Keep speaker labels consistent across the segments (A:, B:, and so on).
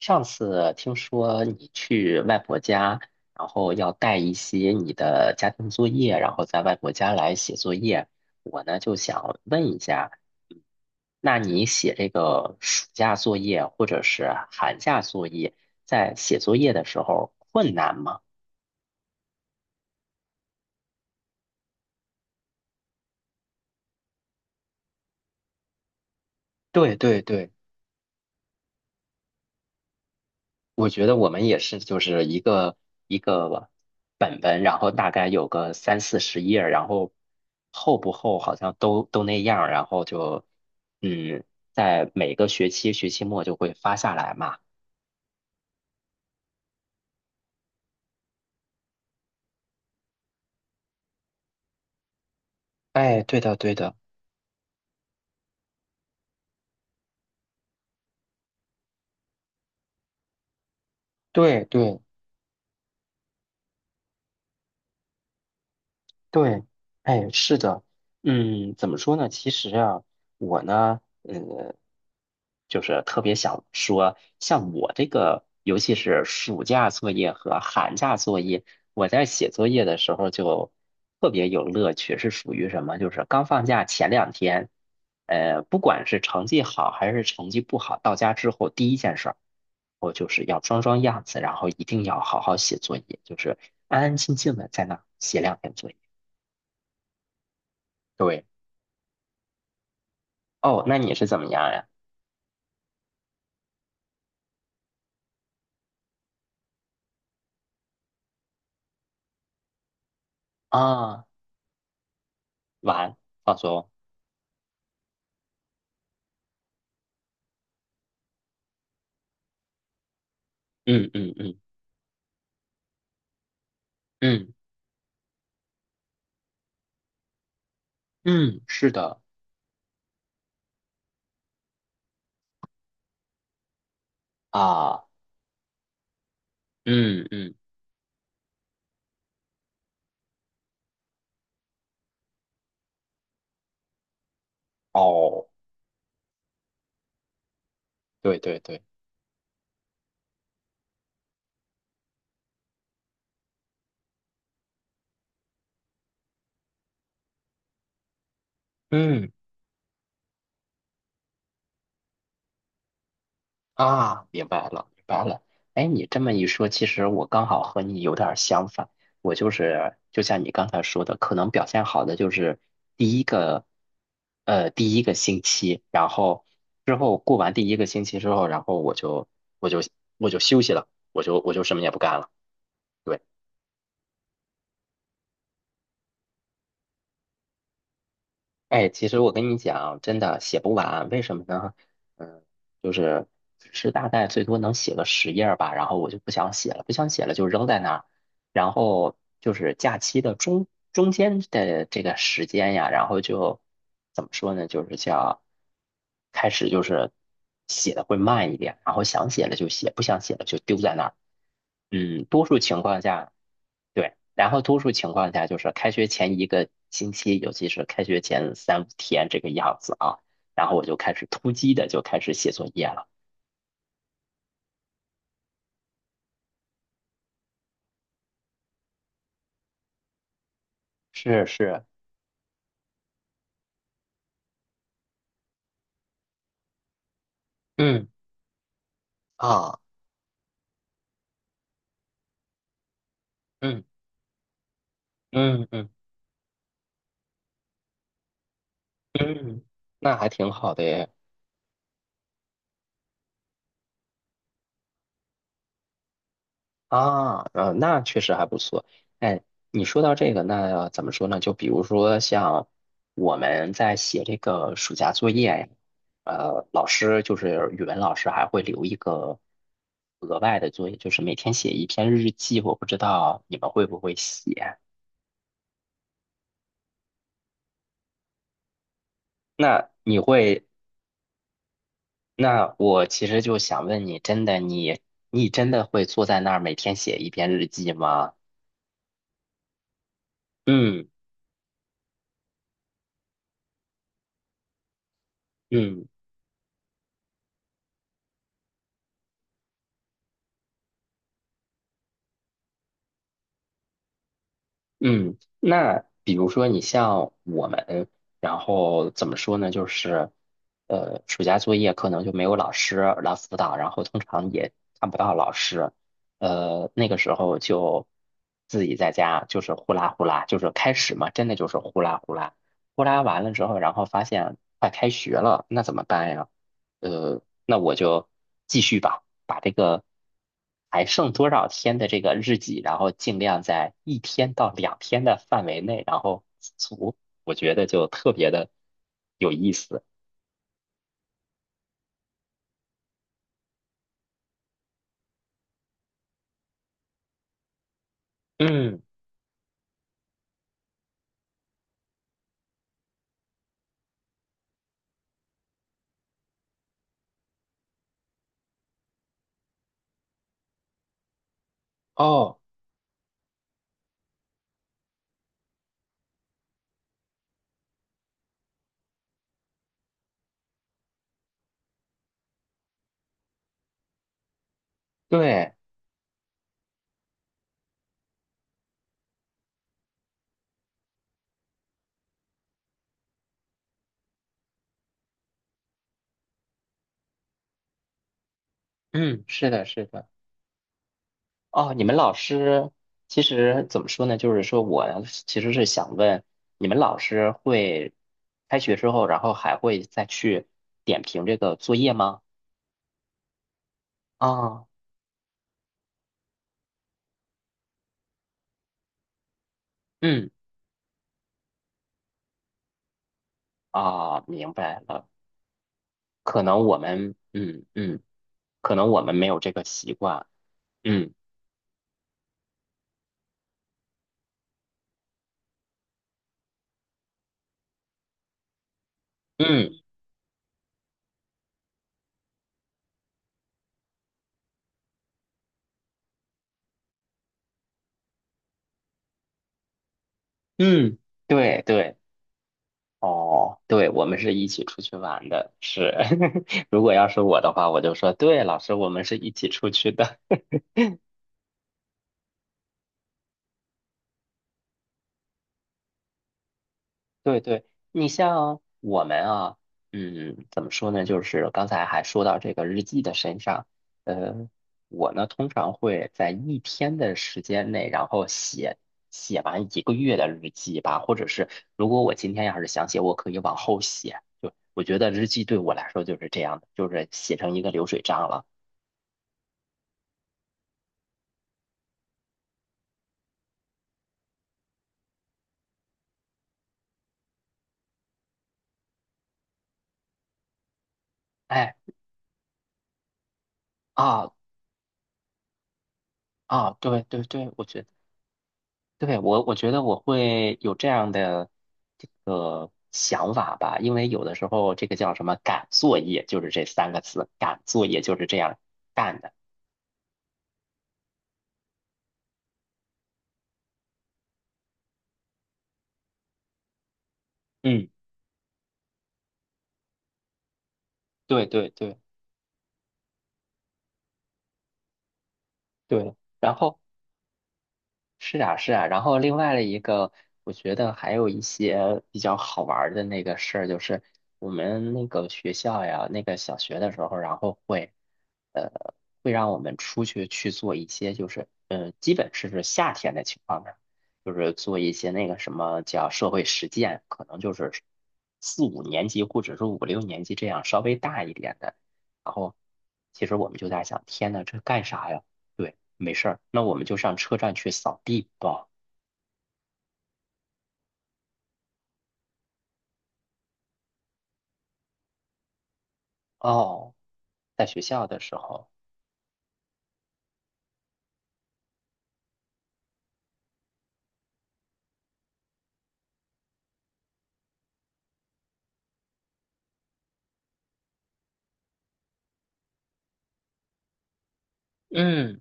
A: 上次听说你去外婆家，然后要带一些你的家庭作业，然后在外婆家来写作业。我呢就想问一下，嗯那你写这个暑假作业或者是寒假作业，在写作业的时候困难吗？对对对，我觉得我们也是，就是一个一个本本，然后大概有个30-40页儿然后厚不厚好像都那样儿然后嗯，在每个学期末就会发下来嘛。哎，对的，对的，对对。对，哎，是的。嗯，怎么说呢？其实啊，我呢，就是特别想说，像我这个，尤其是暑假作业和寒假作业，我在写作业的时候就特别有乐趣，是属于什么？就是刚放假前2天，不管是成绩好还是成绩不好，到家之后第一件事儿，我就是要装装样子，然后一定要好好写作业，就是安安静静的在那儿写2天作业。对。哦，那你是怎么样呀？啊，玩，放松。嗯嗯嗯。嗯，嗯，是的。啊，嗯嗯。哦，对对对，嗯。啊，明白了明白了。哎，你这么一说，其实我刚好和你有点儿相反，我就是就像你刚才说的，可能表现好的就是第一个，第一个星期，然后之后过完第一个星期之后，然后我就我就休息了，我就我就什么也不干了。对。哎，其实我跟你讲，真的写不完，为什么呢？嗯，就是只是大概最多能写个十页儿吧，然后我就不想写了，不想写了就扔在那儿。然后就是假期的中间的这个时间呀，然后就怎么说呢？就是叫开始就是写的会慢一点，然后想写了就写，不想写了就丢在那儿。嗯，多数情况下。对，然后多数情况下就是开学前一个星期，尤其是开学前3-5天这个样子啊，然后我就开始突击的就开始写作业了。是是。嗯。啊，嗯嗯嗯。嗯，那还挺好的耶。啊，那确实还不错。哎，你说到这个，那怎么说呢？就比如说像我们在写这个暑假作业呀，老师就是语文老师还会留一个额外的作业，就是每天写一篇日记。我不知道你们会不会写？那你会？那我其实就想问你，真的你真的会坐在那儿每天写一篇日记吗？嗯嗯。嗯，那比如说你像我们，然后怎么说呢？就是，暑假作业可能就没有老师来辅导，然后通常也看不到老师，那个时候就自己在家就是呼啦呼啦，就是开始嘛，真的就是呼啦呼啦，呼啦完了之后，然后发现快开学了，那怎么办呀？那我就继续吧，把这个还剩多少天的这个日记，然后尽量在1天到2天的范围内，然后足，我觉得就特别的有意思。嗯。哦，对。嗯，是的，是的。哦，你们老师其实怎么说呢？就是说我其实是想问，你们老师会开学之后，然后还会再去点评这个作业吗？啊、嗯。啊，明白了。可能我们，嗯嗯，可能我们没有这个习惯。嗯嗯嗯。对对。哦，对，我们是一起出去玩的，是。如果要是我的话，我就说，对，老师，我们是一起出去的。对对。你像我们啊，嗯，怎么说呢？就是刚才还说到这个日记的身上，呃，我呢通常会在一天的时间内，然后写完1个月的日记吧，或者是如果我今天要是想写，我可以往后写。就我觉得日记对我来说就是这样的，就是写成一个流水账了。哎。啊。啊，对对对，我觉得。对，我觉得我会有这样的这个想法吧，因为有的时候这个叫什么赶作业，就是这三个字，赶作业就是这样干的。嗯，对对对对。然后是啊，是啊，然后另外的一个，我觉得还有一些比较好玩儿的那个事儿，就是我们那个学校呀，那个小学的时候，然后会，呃，会让我们出去去做一些，就是，基本是夏天的情况下，就是做一些那个什么叫社会实践，可能就是4-5年级或者是5-6年级这样稍微大一点的，然后其实我们就在想，天呐，这干啥呀？对。没事儿，那我们就上车站去扫地吧。哦，在学校的时候。嗯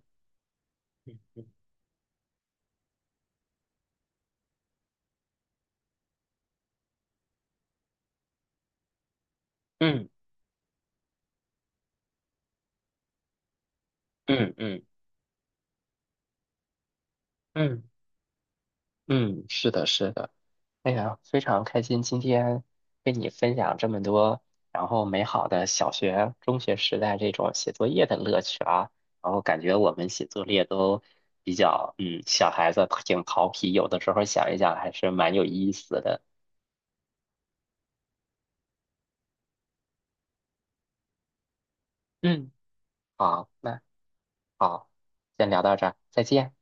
A: 嗯嗯。嗯嗯嗯。嗯，是的，是的。哎呀，非常开心今天跟你分享这么多，然后美好的小学、中学时代这种写作业的乐趣啊。然后感觉我们写作业都比较，嗯，小孩子挺调皮，有的时候想一想还是蛮有意思的。嗯，好，那好，先聊到这儿，再见。